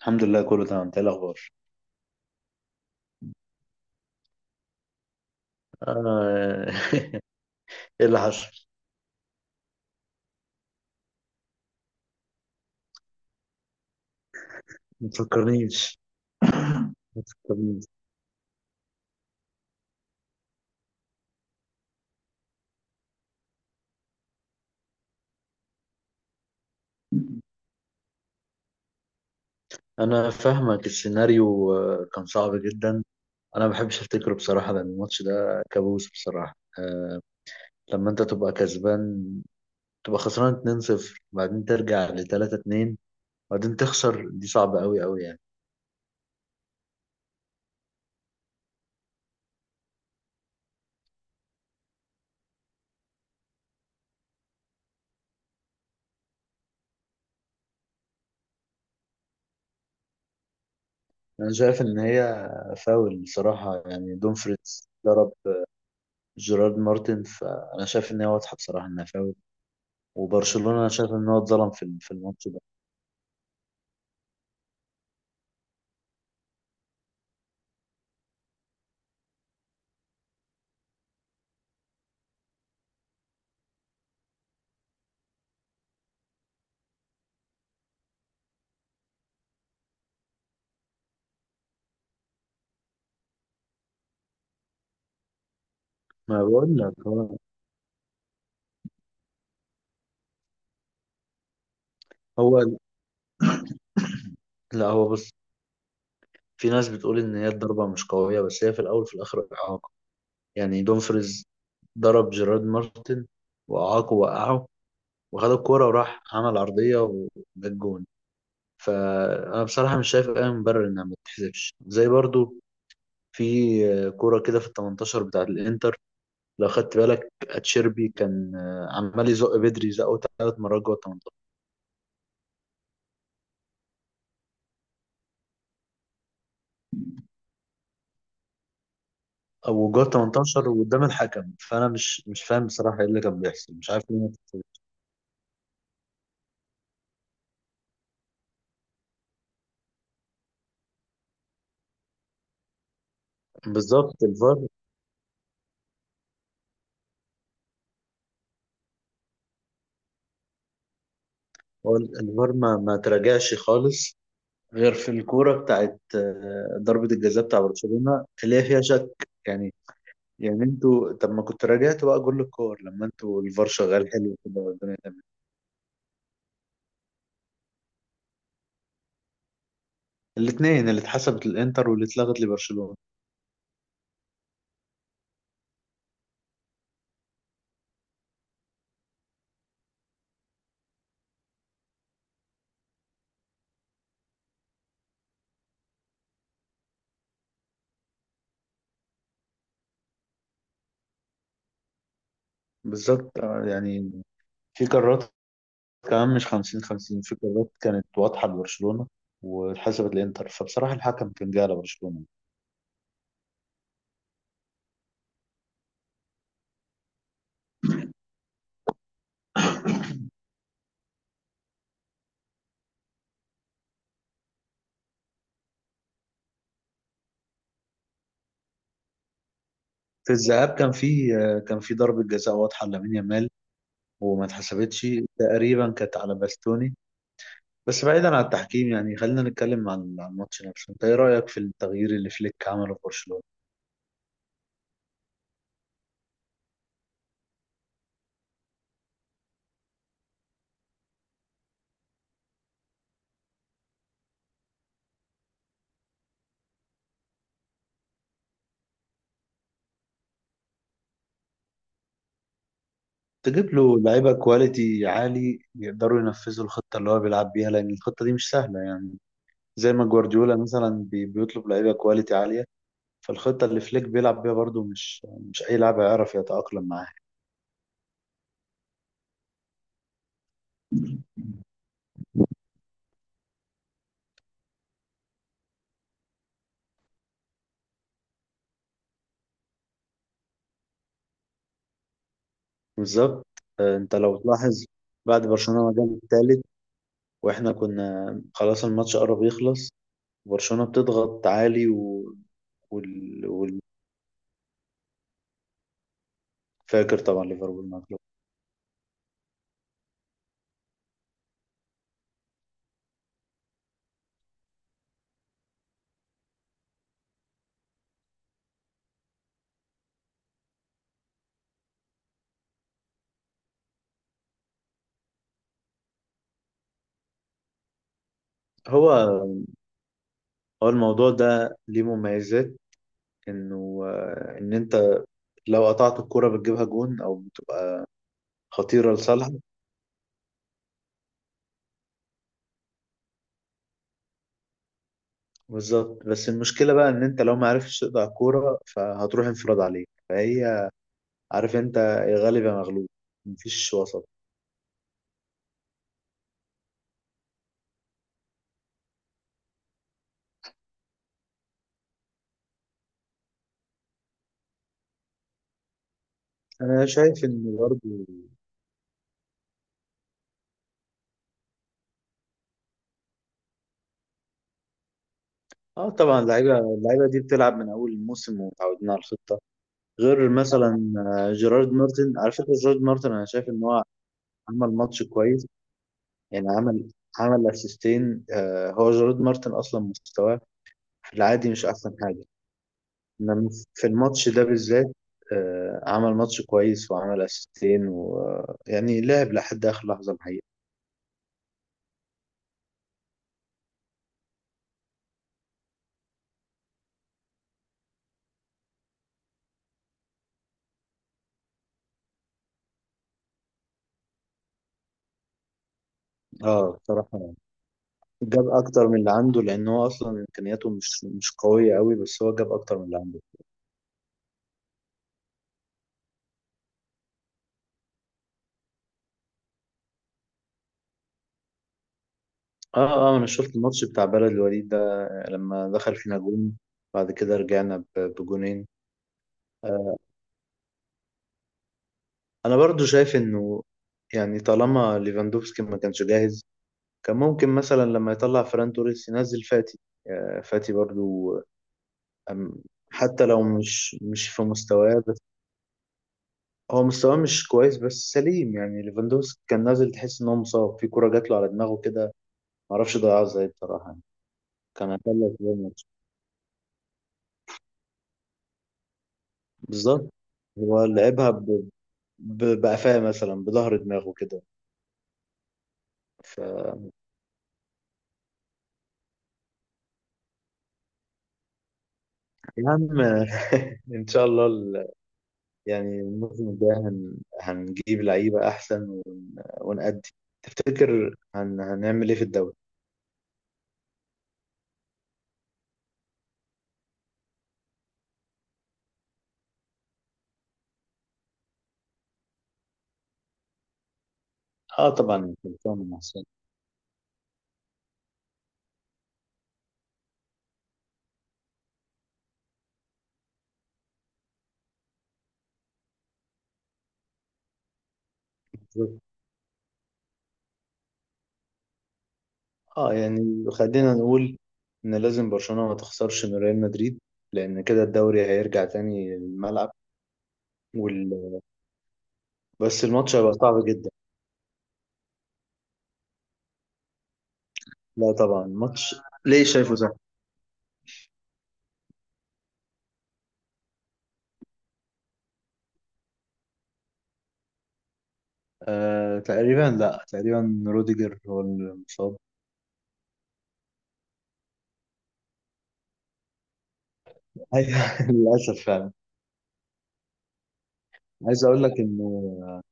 الحمد لله، كله تمام. انت ايه الاخبار؟ آه. ايه اللي حصل؟ ما تفكرنيش. ما تفكرنيش. انا فاهمك السيناريو. كان صعب جدا. انا ما بحبش افتكره بصراحه، لان الماتش ده كابوس بصراحه. لما انت تبقى كسبان تبقى خسران 2-0، وبعدين ترجع ل 3-2، وبعدين تخسر، دي صعبه قوي قوي يعني. انا شايف ان هي فاول بصراحه. يعني دومفريتس ضرب جيرارد مارتن، فانا شايف ان هي واضحه بصراحه انها فاول. وبرشلونة انا شايف ان هو اتظلم في الماتش ده. ما بقول لك هو. لا، هو بص. في ناس بتقول ان هي الضربة مش قوية، بس هي في الاول وفي الاخر اعاقة. يعني دومفريز ضرب جيرارد مارتن، واعاقه، وقعه، وخد الكورة وراح عمل عرضية وجاب جون. فانا بصراحة مش شايف اي مبرر انها ما تتحسبش، زي برضو في كورة كده في ال 18 بتاعة الانتر. لو خدت بالك اتشيربي كان عمال يزق بدري، زقه 3 مرات جوه، او جوه 18 وقدام الحكم. فانا مش فاهم بصراحه ايه اللي كان بيحصل، مش عارف ليه. بالظبط، الفار. هو الفار ما تراجعش خالص، غير في الكوره بتاعت ضربه الجزاء بتاع برشلونه اللي هي فيها شك يعني. يعني انتوا طب، ما كنت راجعتوا بقى كل الكور لما انتوا الفار شغال حلو كده والدنيا تمام؟ الاثنين اللي اتحسبت للانتر واللي اتلغت لبرشلونه. بالظبط. يعني في قرارات، كمان مش 50-50، في قرارات كانت واضحة لبرشلونة واتحسبت للإنتر، فبصراحة الحكم كان جاي على برشلونة. في الذهاب كان في ضربة جزاء واضحة لامين يامال وما اتحسبتش، تقريبا كانت على باستوني. بس بعيدا عن التحكيم يعني، خلينا نتكلم عن الماتش نفسه. انت ايه رأيك في التغيير اللي فليك عمله في برشلونة؟ تجيب له لعيبة كواليتي عالي يقدروا ينفذوا الخطة اللي هو بيلعب بيها، لأن الخطة دي مش سهلة يعني. زي ما جوارديولا مثلا بيطلب لعيبة كواليتي عالية. فالخطة اللي فليك بيلعب بيها برضو مش أي لاعب هيعرف يتأقلم معاها. بالظبط. أنت لو تلاحظ، بعد برشلونة ما جاب التالت وإحنا كنا خلاص الماتش قرب يخلص، برشلونة بتضغط عالي وال... وال... فاكر طبعا، ليفربول مغلوب. هو هو الموضوع ده ليه مميزات. انه ان انت لو قطعت الكرة بتجيبها جون خطيرة لصالحك. بالظبط. بس المشكلة بقى ان انت لو ما عرفتش تقطع الكرة فهتروح انفراد عليك، فهي عارف انت، يا غالب يا مغلوب، مفيش وسط. انا شايف ان برضه اه، طبعا اللعيبه دي بتلعب من اول الموسم ومتعودين على الخطه. غير مثلا جيرارد مارتن، على فكره جيرارد مارتن انا شايف ان هو عمل ماتش كويس. يعني عمل اسيستين. هو جيرارد مارتن اصلا مستواه في العادي مش احسن حاجه، انما في الماتش ده بالذات عمل ماتش كويس وعمل اسيستين، ويعني لعب لحد اخر لحظه الحقيقه. اه، بصراحه جاب اكتر من اللي عنده، لان هو اصلا امكانياته مش قويه قوي، بس هو جاب اكتر من اللي عنده. اه، اه، انا شفت الماتش بتاع بلد الوليد ده. لما دخل فينا جون، بعد كده رجعنا بجونين. آه، انا برضو شايف انه يعني طالما ليفاندوفسكي ما كانش جاهز، كان ممكن مثلا لما يطلع فران توريس ينزل فاتي. فاتي برضو. أم- حتى لو مش في مستواه، بس هو مستواه مش كويس بس سليم. يعني ليفاندوفسكي كان نازل تحس ان هو مصاب، في كرة جات له على دماغه كده، معرفش ضيعها ازاي بصراحة يعني. كان هيخلص زي الماتش. بالظبط. هو لعبها بقفاه، مثلا بظهر دماغه كده. ف يا عم ان شاء الله يعني الموسم الجاي هنجيب لعيبة احسن ونأدي. تفتكر هنعمل ايه في الدوري؟ اه طبعا، برشلونة مع السنة. اه يعني خلينا نقول ان لازم برشلونة ما تخسرش من ريال مدريد، لان كده الدوري هيرجع تاني للملعب. وال... بس الماتش هيبقى صعب جدا. لا، طبعا ماتش. ليه شايفه سهل؟ آه تقريبا. لا، تقريبا روديجر هو المصاب. أيوة، للاسف فعلا. عايز اقول لك انه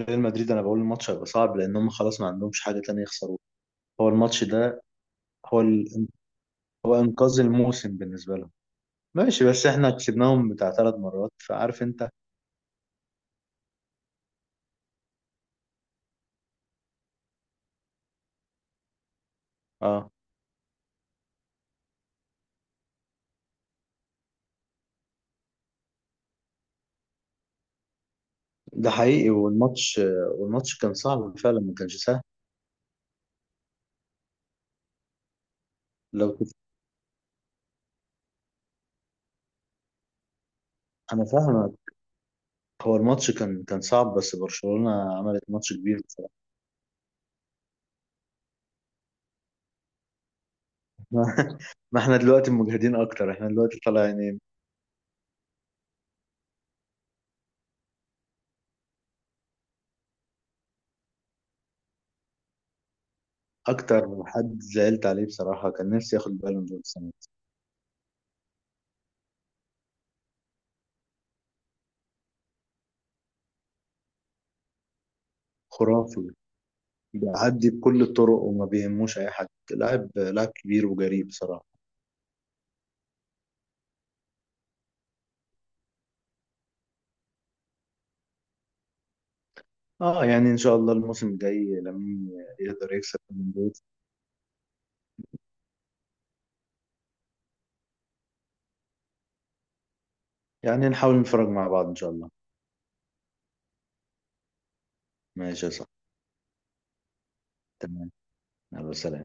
ريال مدريد، انا بقول الماتش هيبقى صعب لان هم خلاص ما عندهمش حاجه تانية يخسروها. هو الماتش ده، هو ال... هو انقاذ الموسم بالنسبه لهم. ماشي، بس احنا كسبناهم بتاع 3 مرات، فعارف انت. اه، ده حقيقي. والماتش كان صعب فعلا، ما كانش سهل. لو تف- انا فاهمك. هو الماتش كان صعب، بس برشلونه عملت ماتش كبير. ما ما احنا دلوقتي مجهدين اكتر، احنا دلوقتي طالعين. اكتر حد زعلت عليه بصراحة كان نفسي ياخد بالون دور السنة دي. خرافي. بيعدي بكل الطرق وما بيهموش اي حد، لاعب، لاعب كبير وجريء بصراحة. اه يعني ان شاء الله الموسم الجاي لامين يقدر يكسب بالون دور. يعني نحاول نتفرج مع بعض ان شاء الله. ماشي يا صاحبي. تمام. يلا سلام.